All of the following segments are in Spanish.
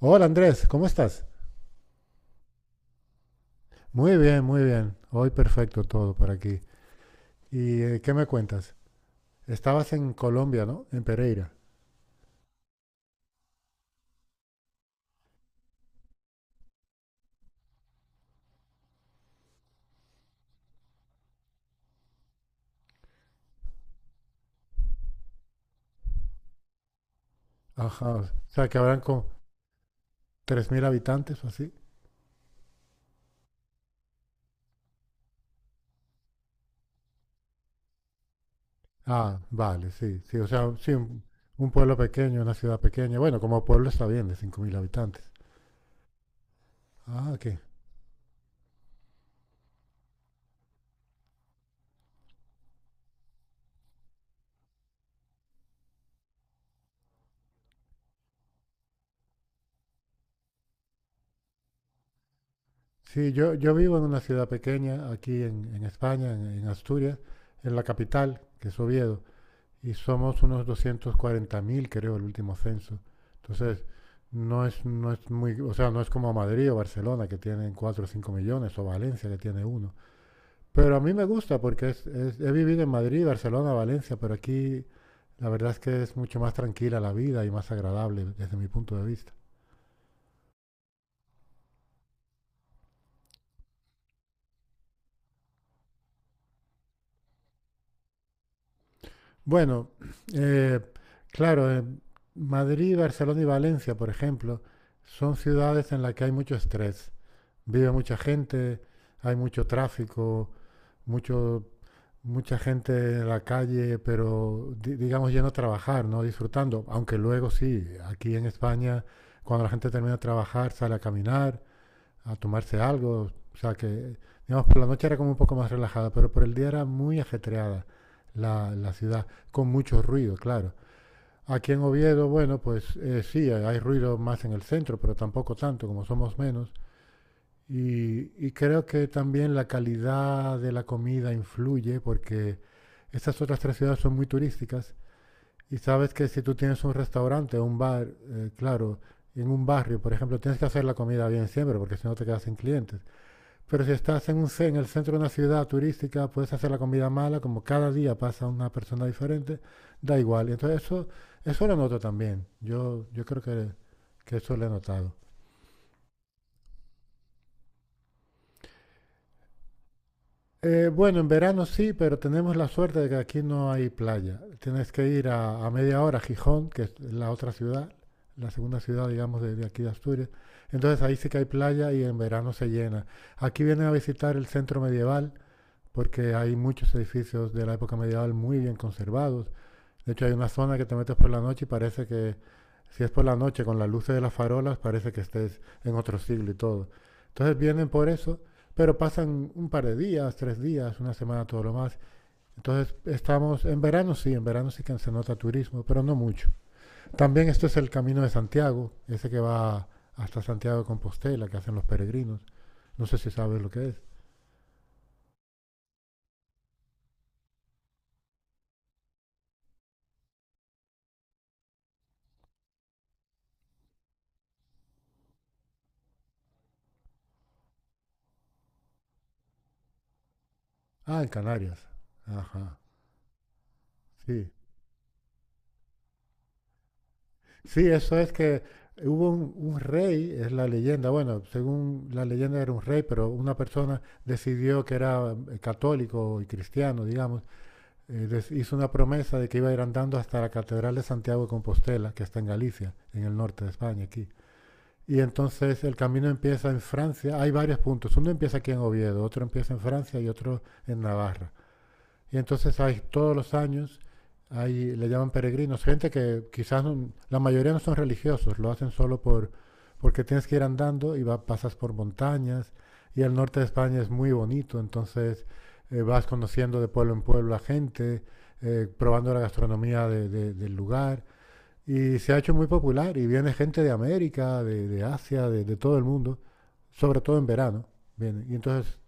Hola Andrés, ¿cómo estás? Muy bien, muy bien. Hoy perfecto todo por aquí. ¿Y qué me cuentas? Estabas en Colombia, ¿no? En Pereira. Ajá. O sea, que habrán como 3.000 habitantes o así. Ah, vale, sí, sí. O sea, sí, un pueblo pequeño, una ciudad pequeña. Bueno, como pueblo está bien, de 5.000 habitantes. Ah, ok. Sí, yo vivo en una ciudad pequeña aquí en España, en Asturias, en la capital, que es Oviedo. Y somos unos 240.000 creo, el último censo. Entonces, no es muy, o sea, no es como Madrid o Barcelona que tienen 4 o 5 millones o Valencia que tiene uno. Pero a mí me gusta porque he vivido en Madrid, Barcelona, Valencia, pero aquí la verdad es que es mucho más tranquila la vida y más agradable desde mi punto de vista. Bueno, eh, claro, Madrid, Barcelona y Valencia, por ejemplo, son ciudades en las que hay mucho estrés. Vive mucha gente, hay mucho tráfico, mucho, mucha gente en la calle, pero digamos yendo a trabajar, no disfrutando. Aunque luego sí, aquí en España, cuando la gente termina de trabajar, sale a caminar, a tomarse algo. O sea que, digamos, por la noche era como un poco más relajada, pero por el día era muy ajetreada la ciudad, con mucho ruido, claro. Aquí en Oviedo, bueno, pues sí, hay ruido más en el centro, pero tampoco tanto, como somos menos. Y creo que también la calidad de la comida influye porque estas otras tres ciudades son muy turísticas y sabes que si tú tienes un restaurante o un bar, claro, en un barrio, por ejemplo, tienes que hacer la comida bien siempre porque si no te quedas sin clientes. Pero si estás en el centro de una ciudad turística, puedes hacer la comida mala, como cada día pasa una persona diferente, da igual. Y entonces eso lo noto también. Yo creo que eso lo he notado. Bueno, en verano sí, pero tenemos la suerte de que aquí no hay playa. Tienes que ir a media hora a Gijón, que es la otra ciudad, la segunda ciudad, digamos, de aquí de Asturias. Entonces ahí sí que hay playa y en verano se llena. Aquí vienen a visitar el centro medieval porque hay muchos edificios de la época medieval muy bien conservados. De hecho, hay una zona que te metes por la noche y parece que, si es por la noche, con las luces de las farolas, parece que estés en otro siglo y todo. Entonces vienen por eso, pero pasan un par de días, 3 días, una semana, todo lo más. Entonces estamos, en verano sí que se nota turismo, pero no mucho. También esto es el Camino de Santiago, ese que va hasta Santiago de Compostela, que hacen los peregrinos. No sé si sabes lo que es. Ah, en Canarias. Ajá, sí. Sí, eso es que hubo un rey, es la leyenda, bueno, según la leyenda era un rey, pero una persona decidió que era católico y cristiano, digamos, hizo una promesa de que iba a ir andando hasta la Catedral de Santiago de Compostela, que está en Galicia, en el norte de España, aquí. Y entonces el camino empieza en Francia, hay varios puntos, uno empieza aquí en Oviedo, otro empieza en Francia y otro en Navarra. Y entonces hay todos los años, le llaman peregrinos, gente que quizás la mayoría no son religiosos, lo hacen solo porque tienes que ir andando y va, pasas por montañas. Y el norte de España es muy bonito, entonces vas conociendo de pueblo en pueblo a gente, probando la gastronomía del lugar. Y se ha hecho muy popular y viene gente de América, de Asia, de todo el mundo, sobre todo en verano. Viene. Y entonces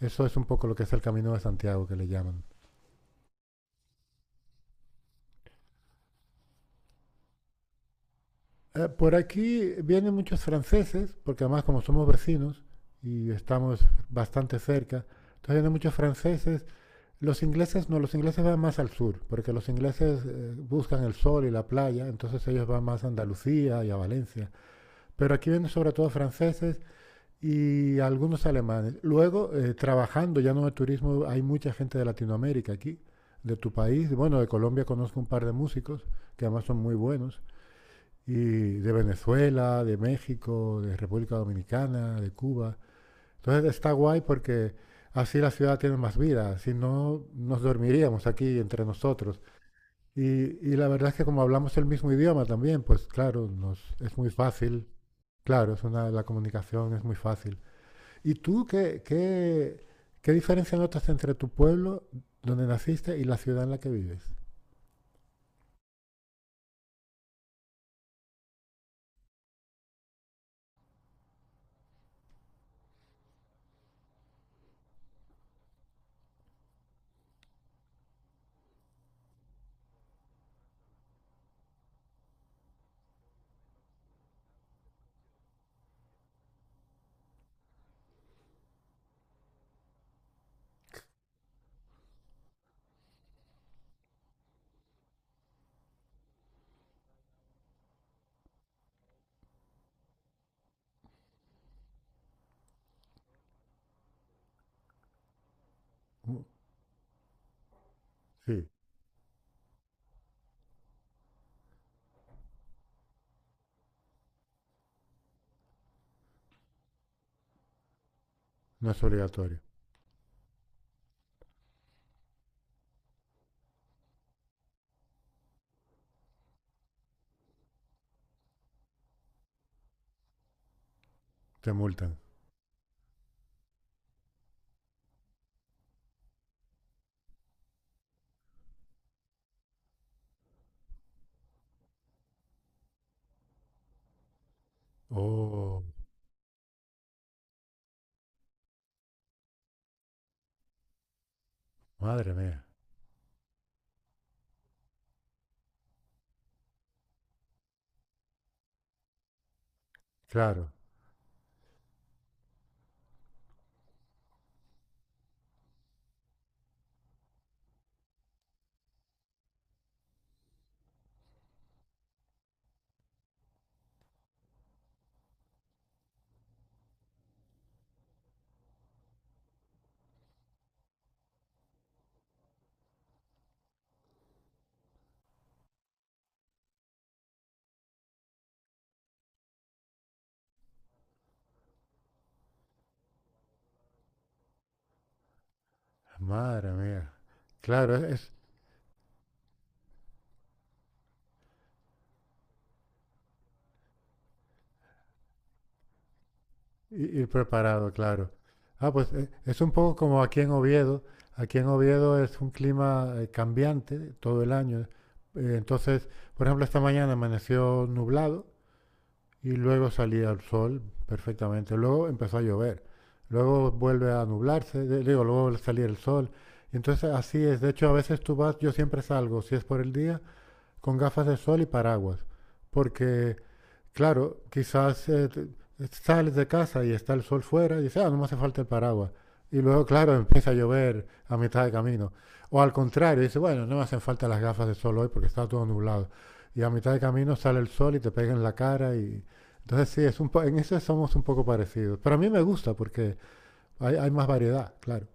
eso es un poco lo que es el Camino de Santiago que le llaman. Por aquí vienen muchos franceses, porque además como somos vecinos y estamos bastante cerca, entonces vienen muchos franceses. Los ingleses no, los ingleses van más al sur, porque los ingleses buscan el sol y la playa, entonces ellos van más a Andalucía y a Valencia. Pero aquí vienen sobre todo franceses y algunos alemanes. Luego, trabajando ya no de turismo, hay mucha gente de Latinoamérica aquí, de tu país. Bueno, de Colombia conozco un par de músicos que además son muy buenos y de Venezuela, de México, de República Dominicana, de Cuba. Entonces está guay porque así la ciudad tiene más vida, si no nos dormiríamos aquí entre nosotros. Y, y la verdad es que como hablamos el mismo idioma también, pues claro, es muy fácil, claro, es una, la comunicación es muy fácil. ¿Y tú qué, diferencia notas entre tu pueblo donde naciste y la ciudad en la que vives? Mm, sí, no es obligatorio, te multan. Oh, madre mía. Claro, madre mía. Claro, ir preparado, claro. Ah, pues es un poco como aquí en Oviedo. Aquí en Oviedo es un clima cambiante todo el año. Entonces, por ejemplo, esta mañana amaneció nublado y luego salía el sol perfectamente. Luego empezó a llover. Luego vuelve a nublarse, digo, luego vuelve a salir el sol. Y entonces así es. De hecho, a veces tú vas, yo siempre salgo, si es por el día, con gafas de sol y paraguas, porque, claro, quizás sales de casa y está el sol fuera y dices, ah, no me hace falta el paraguas. Y luego, claro, empieza a llover a mitad de camino. O al contrario, dices, bueno, no me hacen falta las gafas de sol hoy porque está todo nublado. Y a mitad de camino sale el sol y te pega en la cara y... Entonces sí, es en eso somos un poco parecidos. Pero a mí me gusta porque hay más variedad, claro.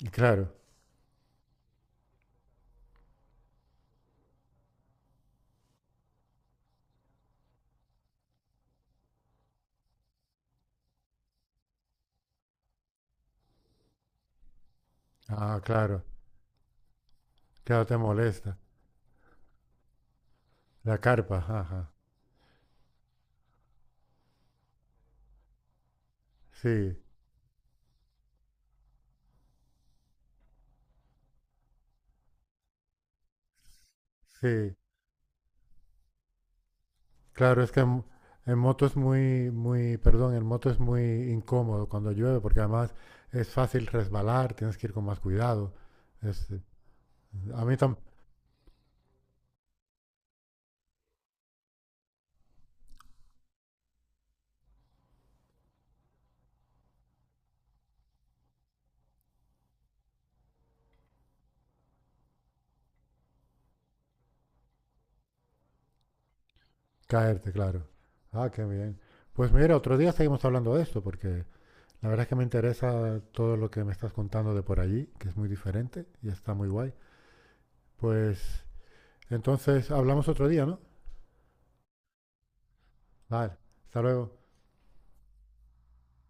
Y claro. Ah, claro. Claro, te molesta. La carpa, ajá. Sí, sí. Claro, es que en moto es perdón, en moto es muy incómodo cuando llueve, porque además es fácil resbalar, tienes que ir con más cuidado. Es- a mí también, caerte, claro. Ah, qué bien. Pues mira, otro día seguimos hablando de esto, porque la verdad es que me interesa todo lo que me estás contando de por allí, que es muy diferente y está muy guay. Pues entonces hablamos otro día, ¿no? Vale, hasta luego.